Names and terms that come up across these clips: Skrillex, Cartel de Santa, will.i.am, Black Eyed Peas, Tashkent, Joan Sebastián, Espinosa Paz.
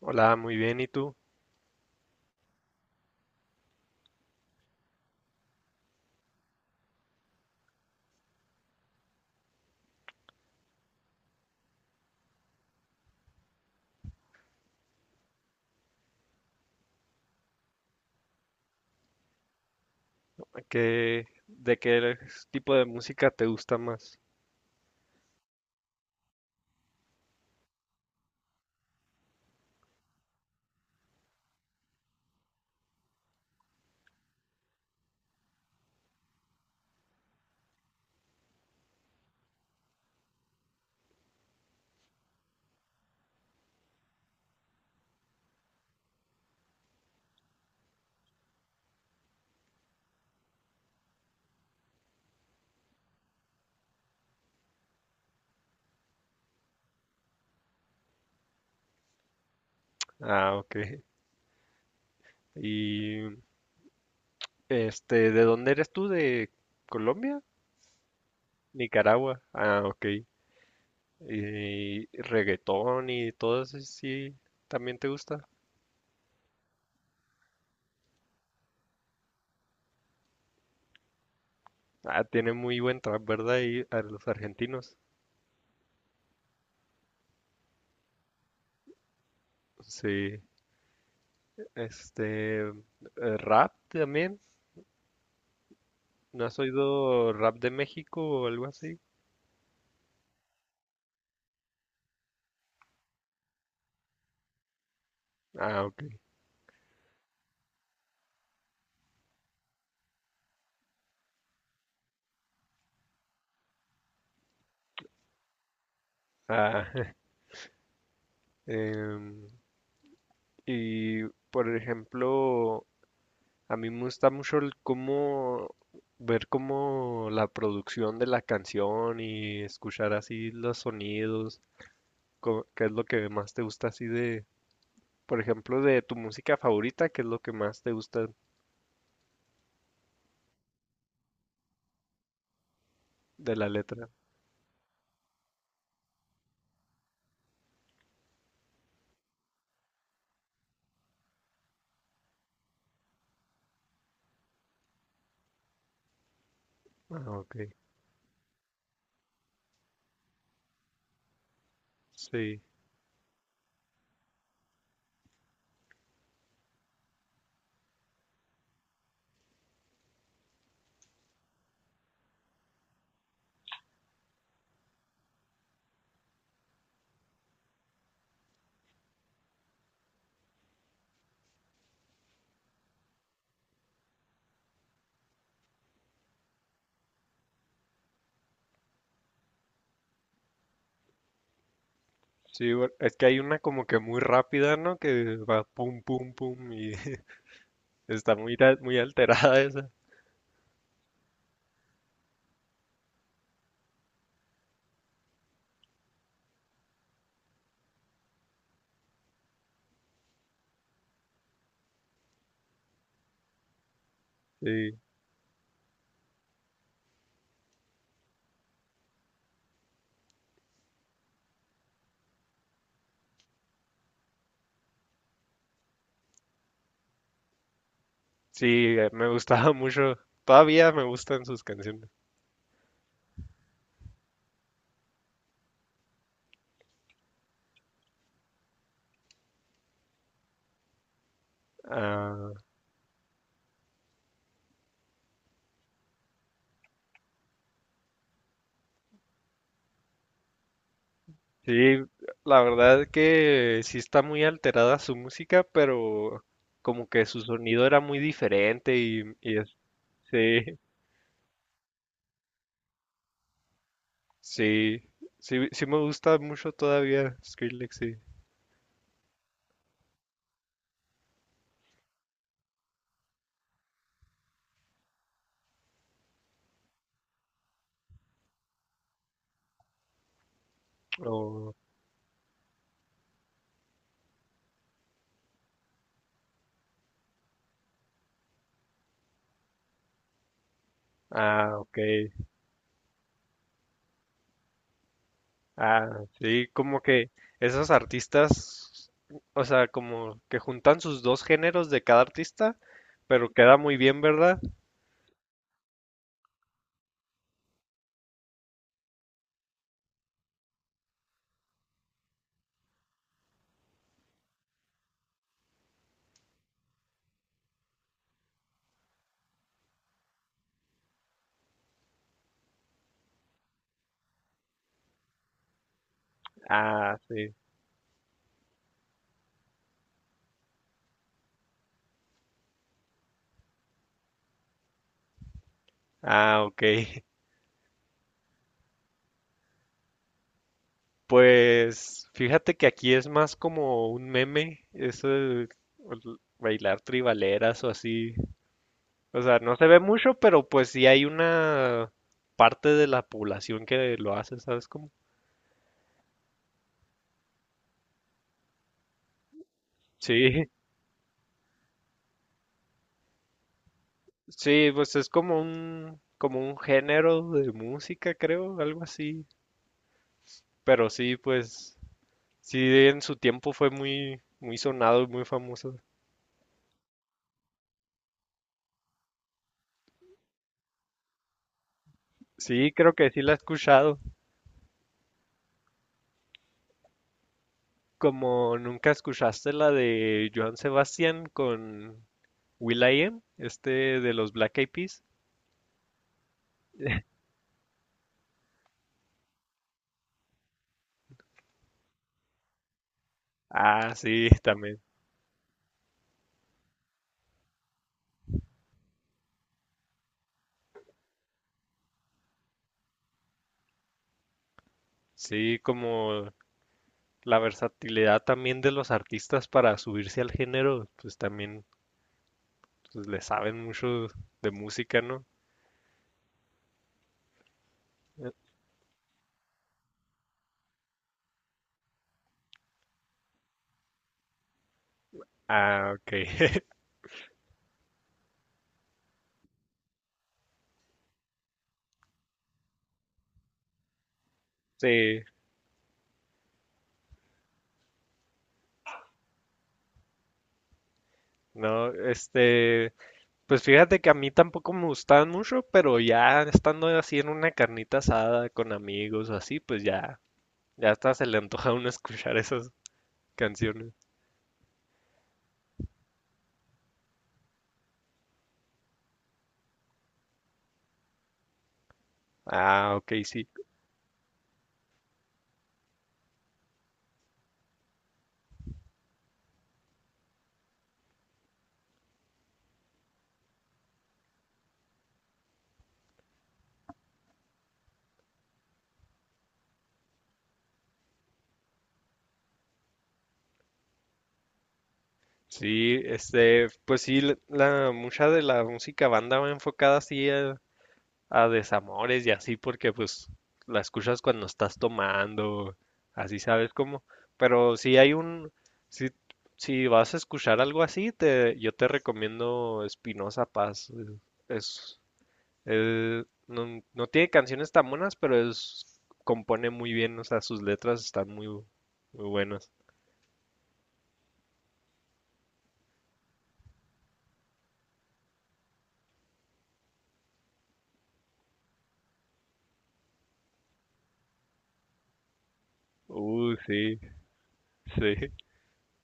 Hola, muy bien. ¿Y tú? ¿De qué tipo de música te gusta más? Ah, ok. Y ¿de dónde eres tú? ¿De Colombia? Nicaragua. Ah, ok. ¿Y reggaetón y todo eso sí también te gusta? Ah, tiene muy buen trap, ¿verdad? Y a los argentinos. Sí. Este, eh, rap también. ¿No has oído rap de México o algo así? Ah, ok. Ah, em, Y, por ejemplo, a mí me gusta mucho el cómo ver cómo la producción de la canción y escuchar así los sonidos, qué es lo que más te gusta así de, por ejemplo, de tu música favorita, qué es lo que más te gusta de la letra. Ah, ok. Sí. Sí, es que hay una como que muy rápida, ¿no? Que va pum pum pum y está muy alterada esa. Sí. Sí, me gustaba mucho. Todavía me gustan sus canciones. Ah, sí, la verdad que sí está muy alterada su música, pero como que su sonido era muy diferente sí, sí, sí, sí me gusta mucho todavía Skrillex, sí. Oh, ah, ok. Ah, sí, como que esos artistas, o sea, como que juntan sus dos géneros de cada artista, pero queda muy bien, ¿verdad? Ah, sí. Ah, ok. Pues fíjate que aquí es más como un meme, eso de bailar tribaleras o así. O sea, no se ve mucho, pero pues sí hay una parte de la población que lo hace, ¿sabes cómo? Sí, sí, pues es como un género de música, creo, algo así. Pero sí, pues sí, en su tiempo fue muy, muy sonado y muy famoso. Sí, creo que sí la he escuchado. Como nunca escuchaste la de Joan Sebastián con will.i.am, este de los Black Eyed Peas. Ah, sí, también. Sí, como la versatilidad también de los artistas para subirse al género, pues también pues, le saben mucho de música, ¿no? Eh, ah, ok. Sí, no, pues fíjate que a mí tampoco me gustaban mucho, pero ya estando así en una carnita asada con amigos o así, pues ya ya hasta se le antoja a uno escuchar esas canciones. Ah, ok, sí. Sí, pues sí, mucha de la música banda va enfocada así a desamores y así, porque pues la escuchas cuando estás tomando, así sabes cómo. Pero si hay un, si, si vas a escuchar algo así, te, yo te recomiendo Espinosa Paz. Es, él no, no tiene canciones tan buenas, pero es, compone muy bien, o sea, sus letras están muy, muy buenas. Uy, sí, sí,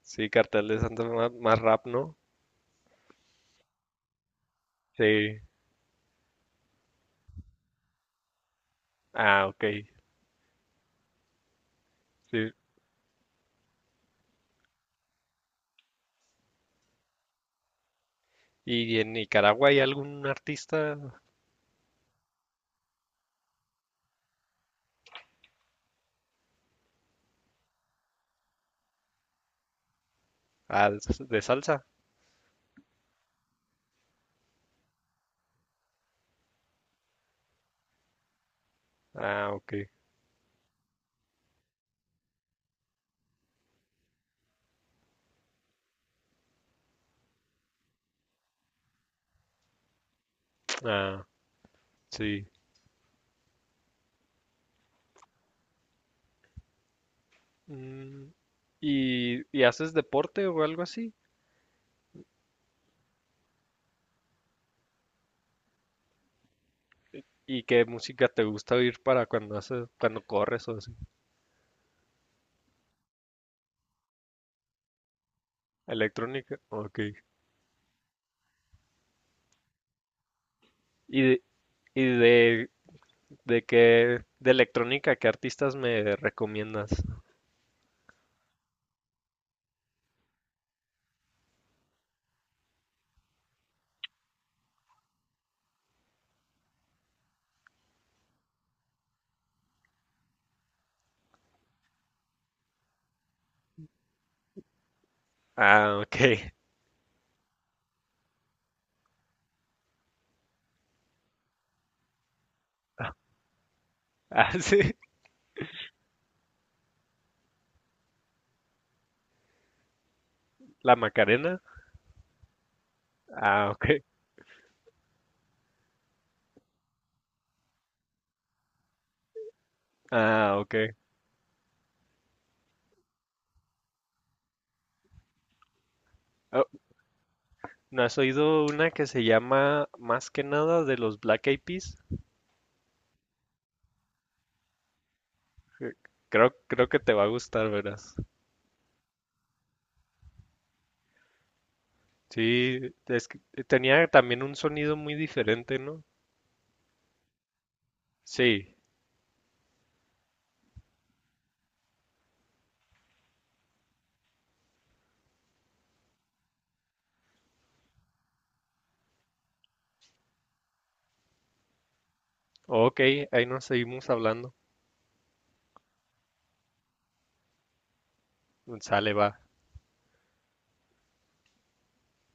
sí, Cartel de Santa más, más rap, ¿no? Sí. Ah, ok, sí. ¿Y en Nicaragua hay algún artista ah, de salsa? Ah, ok. Ah, sí. Mm, ¿y, y haces deporte o algo así? ¿Y qué música te gusta oír para cuando haces, cuando corres o así? Electrónica, ok. ¿Y, ¿Y de qué, de electrónica, qué artistas me recomiendas? Ah, ok. Ah, sí. La Macarena. Ah, ok. Ah, ok. Oh, ¿no has oído una que se llama Más que nada de los Black Eyed Peas? Eh, Creo, creo que te va a gustar, verás. Sí, es que tenía también un sonido muy diferente, ¿no? Sí. Ok, ahí nos seguimos hablando. Sale, va.